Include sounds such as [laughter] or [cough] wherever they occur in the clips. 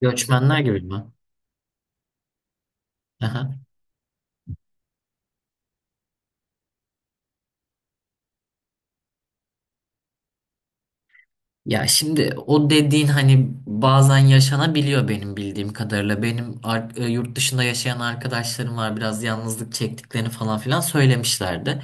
Göçmenler gibi mi? Aha. Ya şimdi o dediğin hani bazen yaşanabiliyor benim bildiğim kadarıyla. Benim yurt dışında yaşayan arkadaşlarım var, biraz yalnızlık çektiklerini falan filan söylemişlerdi.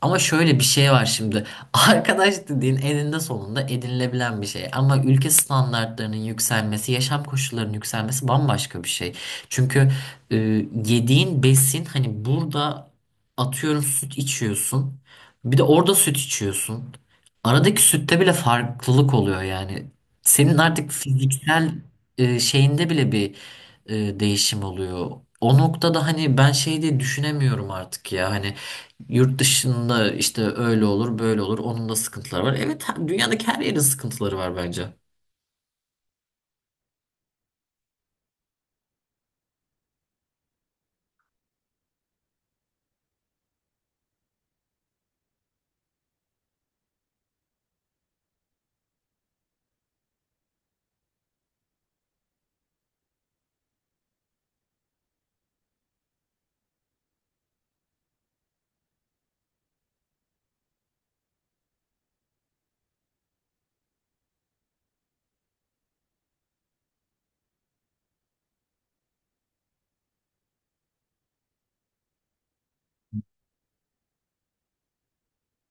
Ama şöyle bir şey var şimdi. [laughs] Arkadaş dediğin eninde sonunda edinilebilen bir şey. Ama ülke standartlarının yükselmesi, yaşam koşullarının yükselmesi bambaşka bir şey. Çünkü e, yediğin besin, hani burada atıyorum süt içiyorsun. Bir de orada süt içiyorsun. Aradaki sütte bile farklılık oluyor yani. Senin artık fiziksel şeyinde bile bir değişim oluyor. O noktada hani ben şey diye düşünemiyorum artık ya. Hani yurt dışında işte öyle olur, böyle olur. Onun da sıkıntıları var. Evet, ha- dünyadaki her yerin sıkıntıları var bence.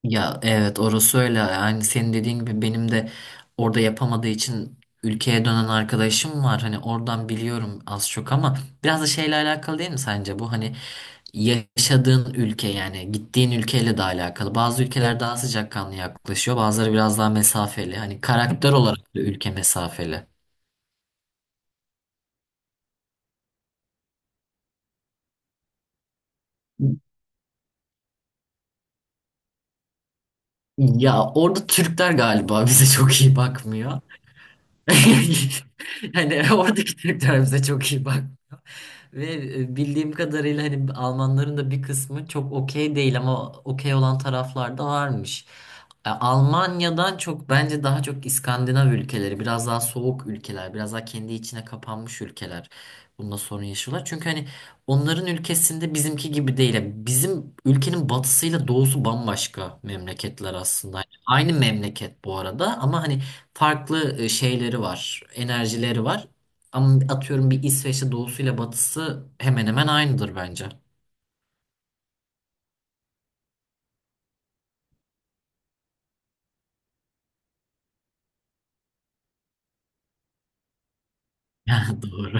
Ya evet, orası öyle. Yani senin dediğin gibi benim de orada yapamadığı için ülkeye dönen arkadaşım var. Hani oradan biliyorum az çok, ama biraz da şeyle alakalı değil mi sence bu? Hani yaşadığın ülke, yani gittiğin ülkeyle de alakalı. Bazı ülkeler daha sıcakkanlı yaklaşıyor, bazıları biraz daha mesafeli. Hani karakter olarak da ülke mesafeli. Ya orada Türkler galiba bize çok iyi bakmıyor. [laughs] Yani oradaki Türkler bize çok iyi bakmıyor. Ve bildiğim kadarıyla hani Almanların da bir kısmı çok okey değil, ama okey olan taraflar da varmış. Almanya'dan çok, bence daha çok İskandinav ülkeleri, biraz daha soğuk ülkeler, biraz daha kendi içine kapanmış ülkeler bunda sorun yaşıyorlar. Çünkü hani onların ülkesinde bizimki gibi değil. Yani bizim ülkenin batısıyla doğusu bambaşka memleketler aslında. Yani aynı memleket bu arada, ama hani farklı şeyleri var, enerjileri var. Ama atıyorum bir İsveç'te doğusuyla batısı hemen hemen aynıdır bence. [laughs] Doğru.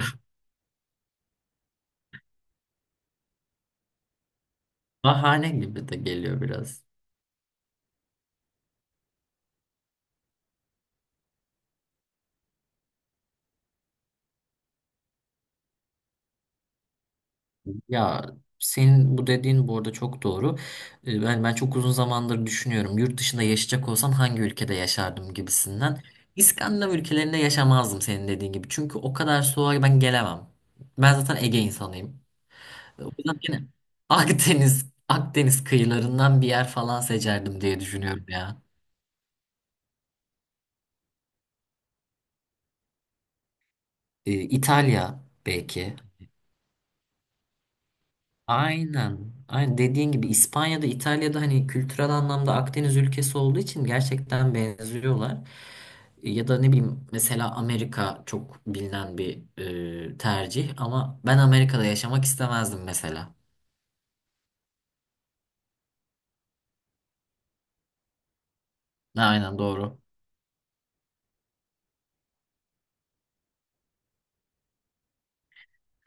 Bahane gibi de geliyor biraz. Ya senin bu dediğin bu arada çok doğru. Ben çok uzun zamandır düşünüyorum. Yurt dışında yaşayacak olsam hangi ülkede yaşardım gibisinden. İskandinav ülkelerinde yaşamazdım senin dediğin gibi. Çünkü o kadar soğuğa ben gelemem. Ben zaten Ege insanıyım. O yüzden yine [laughs] Akdeniz, Akdeniz kıyılarından bir yer falan seçerdim diye düşünüyorum ya. İtalya belki. Aynen. Aynen dediğin gibi, İspanya'da, İtalya'da hani kültürel anlamda Akdeniz ülkesi olduğu için gerçekten benziyorlar. Ya da ne bileyim, mesela Amerika çok bilinen bir tercih, ama ben Amerika'da yaşamak istemezdim mesela. Aynen, doğru.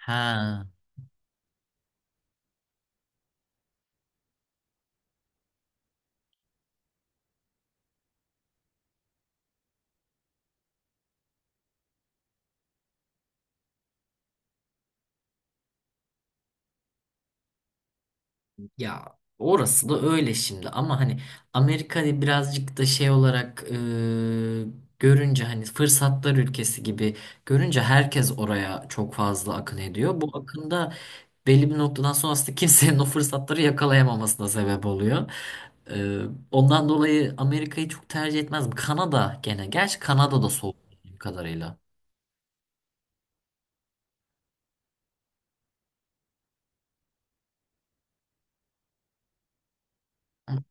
Ha. Ya orası da öyle şimdi, ama hani Amerika'yı birazcık da şey olarak görünce, hani fırsatlar ülkesi gibi görünce herkes oraya çok fazla akın ediyor. Bu akında belli bir noktadan sonra aslında [laughs] kimsenin o fırsatları yakalayamamasına sebep oluyor. E, ondan dolayı Amerika'yı çok tercih etmez. Kanada gene. Gerçi Kanada da soğuk bildiğim kadarıyla.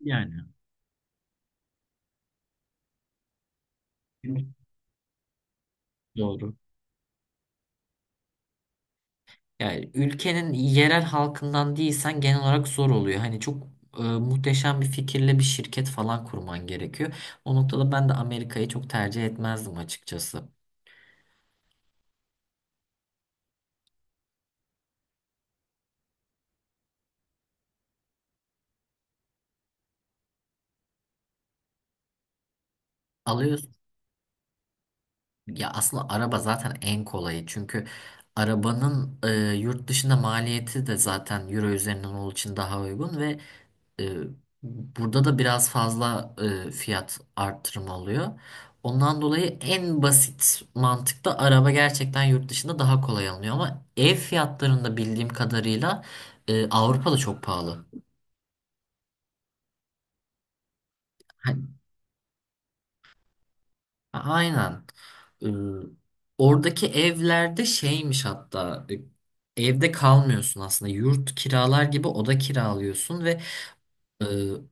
Yani. Doğru. Yani ülkenin yerel halkından değilsen genel olarak zor oluyor. Hani çok muhteşem bir fikirle bir şirket falan kurman gerekiyor. O noktada ben de Amerika'yı çok tercih etmezdim açıkçası. Alıyorsun. Ya aslında araba zaten en kolayı. Çünkü arabanın yurt dışında maliyeti de zaten euro üzerinden olduğu için daha uygun ve E, burada da biraz fazla fiyat artırımı oluyor. Ondan dolayı en basit mantıkta araba gerçekten yurt dışında daha kolay alınıyor, ama ev fiyatlarında bildiğim kadarıyla Avrupa'da çok pahalı. Hani- Aynen. E, oradaki evlerde şeymiş hatta, evde kalmıyorsun aslında, yurt kiralar gibi oda kiralıyorsun ve Ee,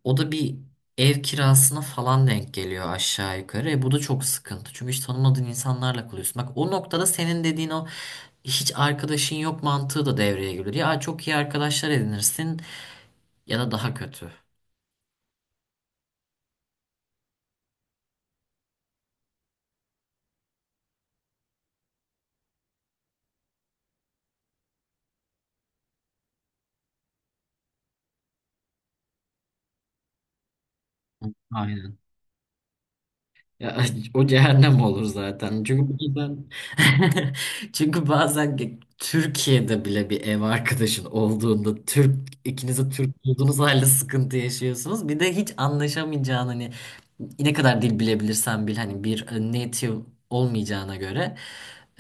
o da bir ev kirasına falan denk geliyor aşağı yukarı. Bu da çok sıkıntı. Çünkü hiç tanımadığın insanlarla kalıyorsun. Bak, o noktada senin dediğin o hiç arkadaşın yok mantığı da devreye giriyor. Ya çok iyi arkadaşlar edinirsin, ya da daha kötü. Aynen. Ya, [laughs] o cehennem olur zaten. Çünkü bazen [laughs] Türkiye'de bile bir ev arkadaşın olduğunda, Türk, ikiniz de Türk olduğunuz halde sıkıntı yaşıyorsunuz. Bir de hiç anlaşamayacağın, hani ne kadar dil bilebilirsen bil hani bir native olmayacağına göre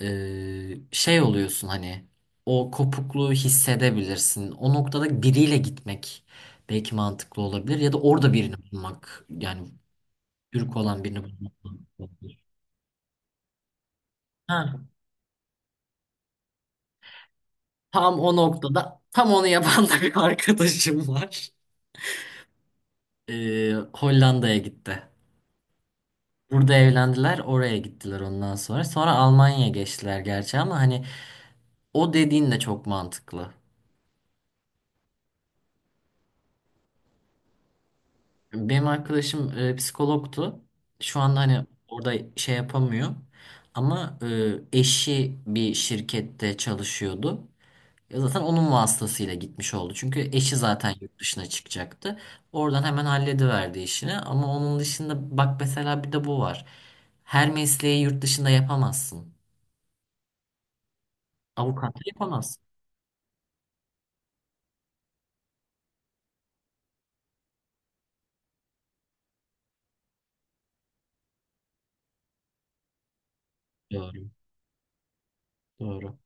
şey oluyorsun, hani o kopukluğu hissedebilirsin. O noktada biriyle gitmek belki mantıklı olabilir, ya da orada birini bulmak, yani Türk olan birini bulmak zorundayım. Ha, tam o noktada tam onu yapan da bir arkadaşım var. Hollanda'ya gitti. Burada evlendiler, oraya gittiler ondan sonra. Sonra Almanya'ya geçtiler gerçi, ama hani o dediğin de çok mantıklı. Benim arkadaşım psikologtu. Şu anda hani orada şey yapamıyor. Ama eşi bir şirkette çalışıyordu. Ya zaten onun vasıtasıyla gitmiş oldu. Çünkü eşi zaten yurt dışına çıkacaktı. Oradan hemen hallediverdi işini. Ama onun dışında bak, mesela bir de bu var. Her mesleği yurt dışında yapamazsın. Avukatlık yapamazsın. Doğru. Doğru.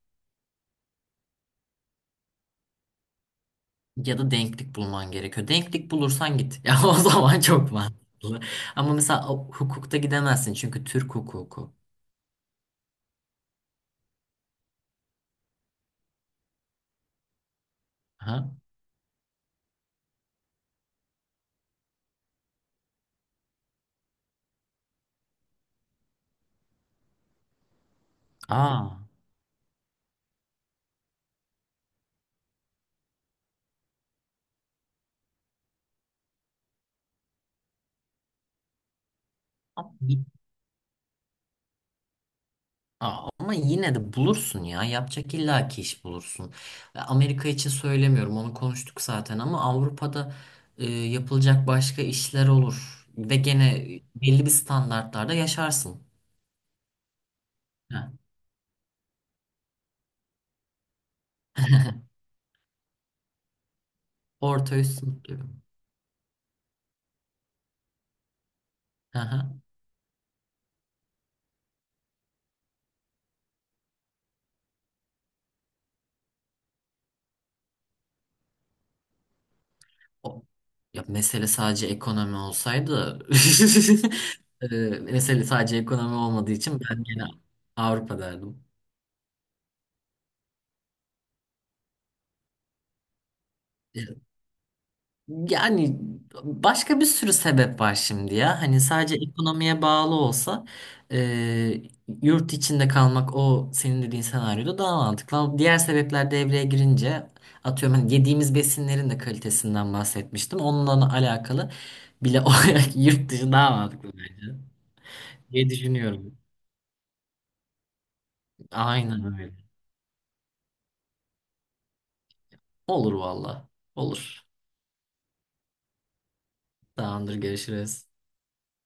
Ya da denklik bulman gerekiyor. Denklik bulursan git. [laughs] Ya o zaman çok mantıklı. Ama mesela hukukta gidemezsin, çünkü Türk hukuku. Ha? Aa. Aa, ama yine de bulursun ya. Yapacak illaki iş bulursun. Amerika için söylemiyorum. Onu konuştuk zaten, ama Avrupa'da yapılacak başka işler olur. Ve gene belli bir standartlarda yaşarsın. Ha. [laughs] Orta üst sınıf gibi. Hı hı. O- Ya mesele sadece ekonomi olsaydı [laughs] e, mesele sadece ekonomi olmadığı için ben gene Avrupa derdim. Yani başka bir sürü sebep var şimdi ya. Hani sadece ekonomiye bağlı olsa e, yurt içinde kalmak o senin dediğin senaryoda daha mantıklı. Ama diğer sebepler devreye girince atıyorum hani yediğimiz besinlerin de kalitesinden bahsetmiştim. Onunla alakalı bile [laughs] olarak yurt dışı daha mantıklı bence diye düşünüyorum. Aynen öyle. Olur valla. Olur. Tamamdır, görüşürüz.